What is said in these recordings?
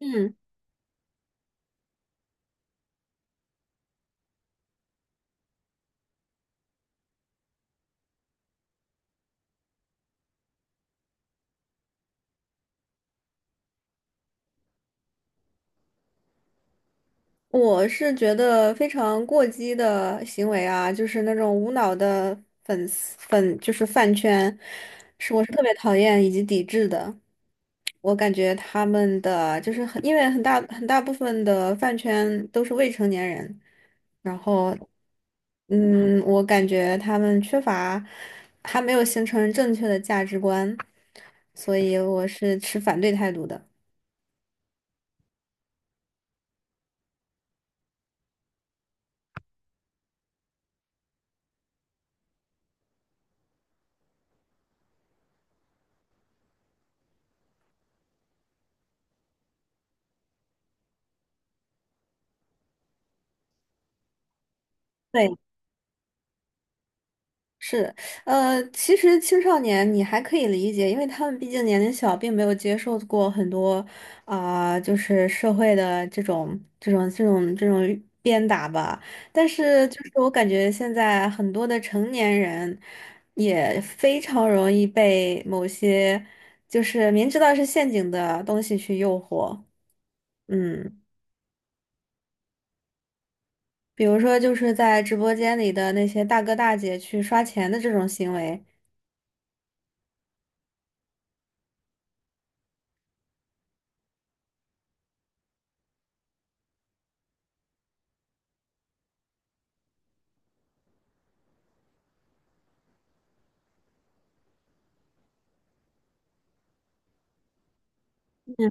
嗯，我是觉得非常过激的行为啊，就是那种无脑的粉丝粉，就是饭圈，是我是特别讨厌以及抵制的。我感觉他们的就是很，因为很大部分的饭圈都是未成年人，然后，嗯，我感觉他们缺乏，还没有形成正确的价值观，所以我是持反对态度的。对。是，其实青少年你还可以理解，因为他们毕竟年龄小，并没有接受过很多啊、就是社会的这种鞭打吧。但是，就是我感觉现在很多的成年人也非常容易被某些就是明知道是陷阱的东西去诱惑，嗯，比如说就是在直播间里的那些大哥大姐去刷钱的这种行为。嗯。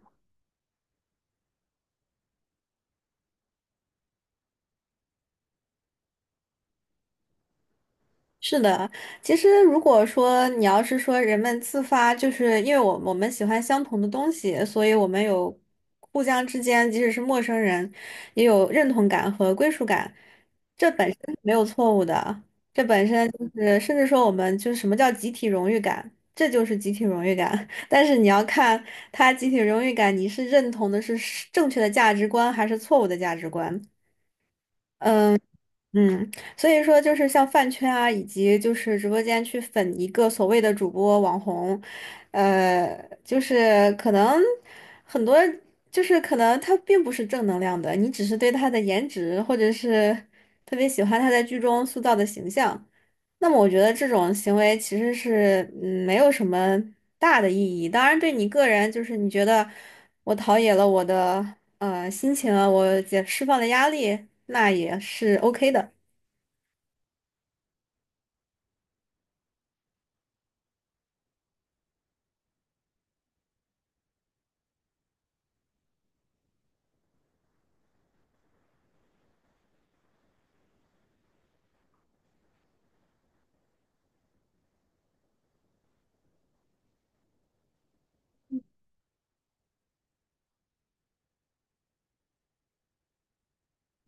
是的，其实如果说你要是说人们自发，就是因为我们喜欢相同的东西，所以我们有互相之间，即使是陌生人，也有认同感和归属感，没有错误的。这本身就是，甚至说我们就是什么叫集体荣誉感，这就是集体荣誉感。但是你要看他集体荣誉感，你是认同的是正确的价值观还是错误的价值观。嗯，所以说就是像饭圈啊，以及就是直播间去粉一个所谓的主播网红，呃，就是可能很多就是可能他并不是正能量的，你只是对他的颜值或者是特别喜欢他在剧中塑造的形象，那么我觉得这种行为其实是嗯没有什么大的意义。当然，对你个人就是你觉得我陶冶了我的。心情啊，我也释放了压力，那也是 OK 的。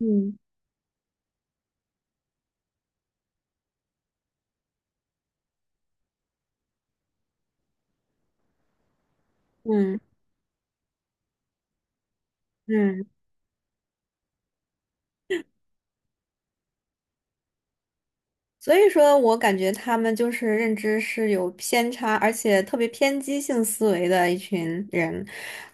嗯嗯嗯。所以说我感觉他们就是认知是有偏差，而且特别偏激性思维的一群人。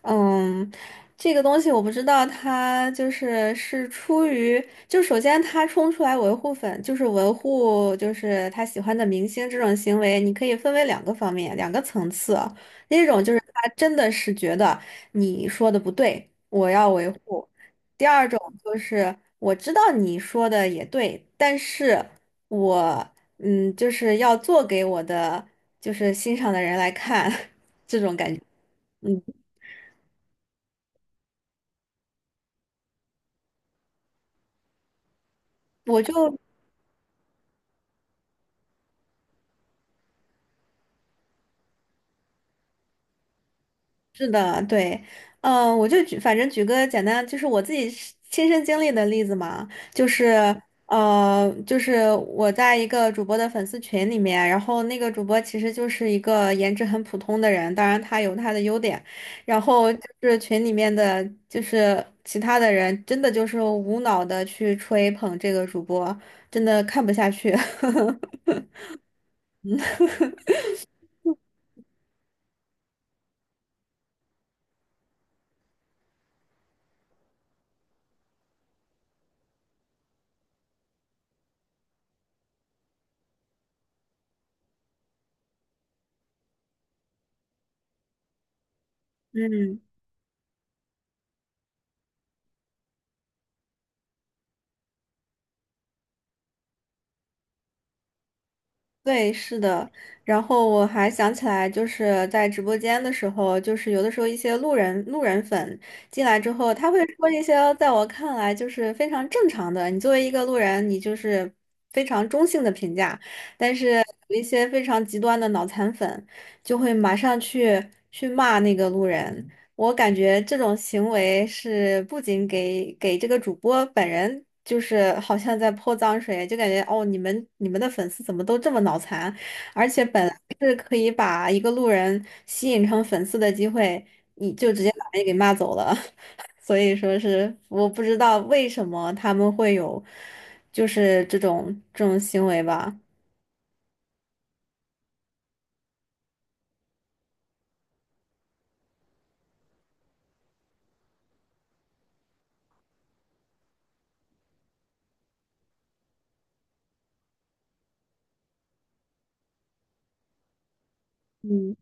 嗯，这个东西我不知道，他就是是出于，就首先他冲出来维护粉，就是维护就是他喜欢的明星这种行为，你可以分为两个方面，两个层次啊。第一种就是他真的是觉得你说的不对，我要维护。第二种就是我知道你说的也对，但是。我嗯，就是要做给我的就是欣赏的人来看。嗯，我就是的，对，嗯，我就举，反正举个简单，就是我自己是亲身经历的例子嘛，就是就是我在一个主播的粉丝群里面，然后那个主播其实就是一个颜值很普通的人，当然他有他的优点，然后就是群里面的就是其他的人，真的就是无脑的去吹捧这个主播，真的看不下去。嗯对，是的。然后我还想起来，就是在直播间的时候，就是有的时候一些路人粉进来之后，他会说一些在我看来就是非常正常的，你作为一个路人，你就是非常中性的评价。但是有一些非常极端的脑残粉，就会马上去骂那个路人，我感觉这种行为是不仅给这个主播本人，就是好像在泼脏水，就感觉哦，你们的粉丝怎么都这么脑残？而且本来是可以把一个路人吸引成粉丝的机会，你就直接把人给骂走了。所以说是我不知道为什么他们会有就是这种行为吧。嗯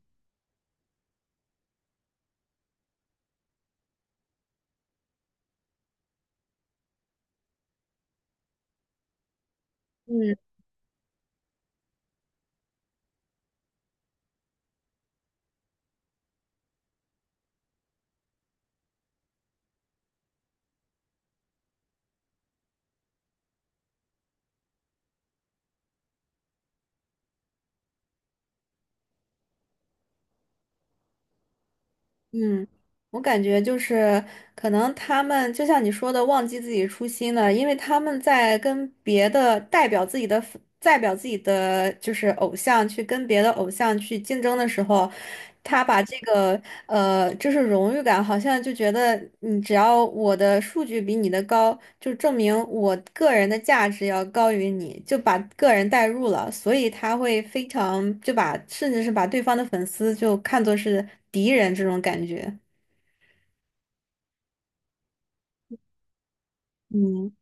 嗯嗯。我感觉就是可能他们就像你说的，忘记自己初心了，因为他们在跟别的代表自己的就是偶像去跟别的偶像去竞争的时候，他把这个就是荣誉感，好像就觉得你只要我的数据比你的高，就证明我个人的价值要高于你，就把个人带入了，所以他会非常就把甚至是把对方的粉丝就看作是敌人这种感觉。嗯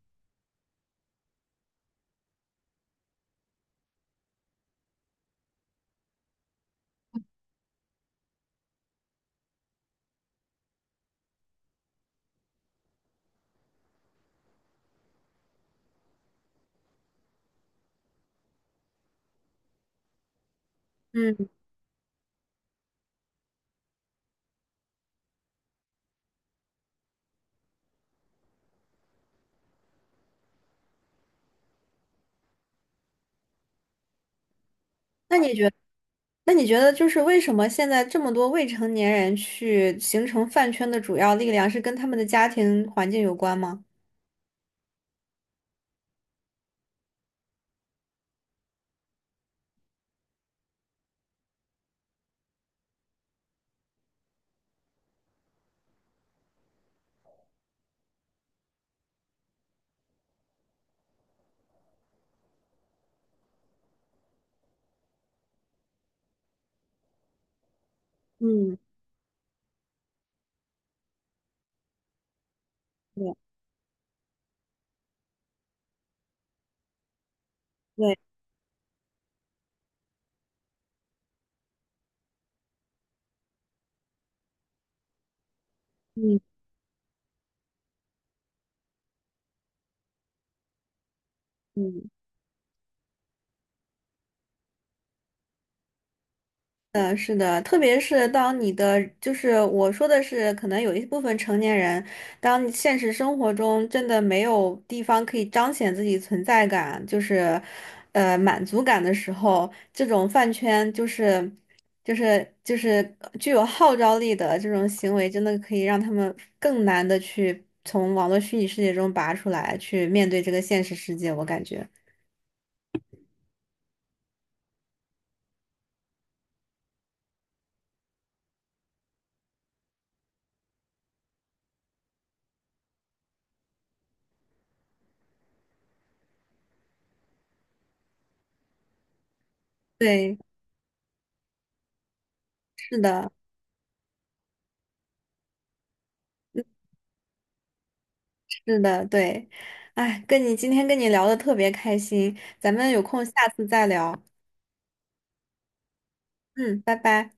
嗯，那你觉那你觉得就是为什么现在这么多未成年人去形成饭圈的主要力量是跟他们的家庭环境有关吗？嗯，对对，嗯嗯。嗯，是的，特别是当你的，就是我说的是，可能有一部分成年人，当现实生活中真的没有地方可以彰显自己存在感，就是，满足感的时候，这种饭圈就是，就是具有号召力的这种行为，真的可以让他们更难的去从网络虚拟世界中拔出来，去面对这个现实世界，我感觉。对，是的。是的，对，哎，今天跟你聊的特别开心，咱们有空下次再聊，嗯，拜拜。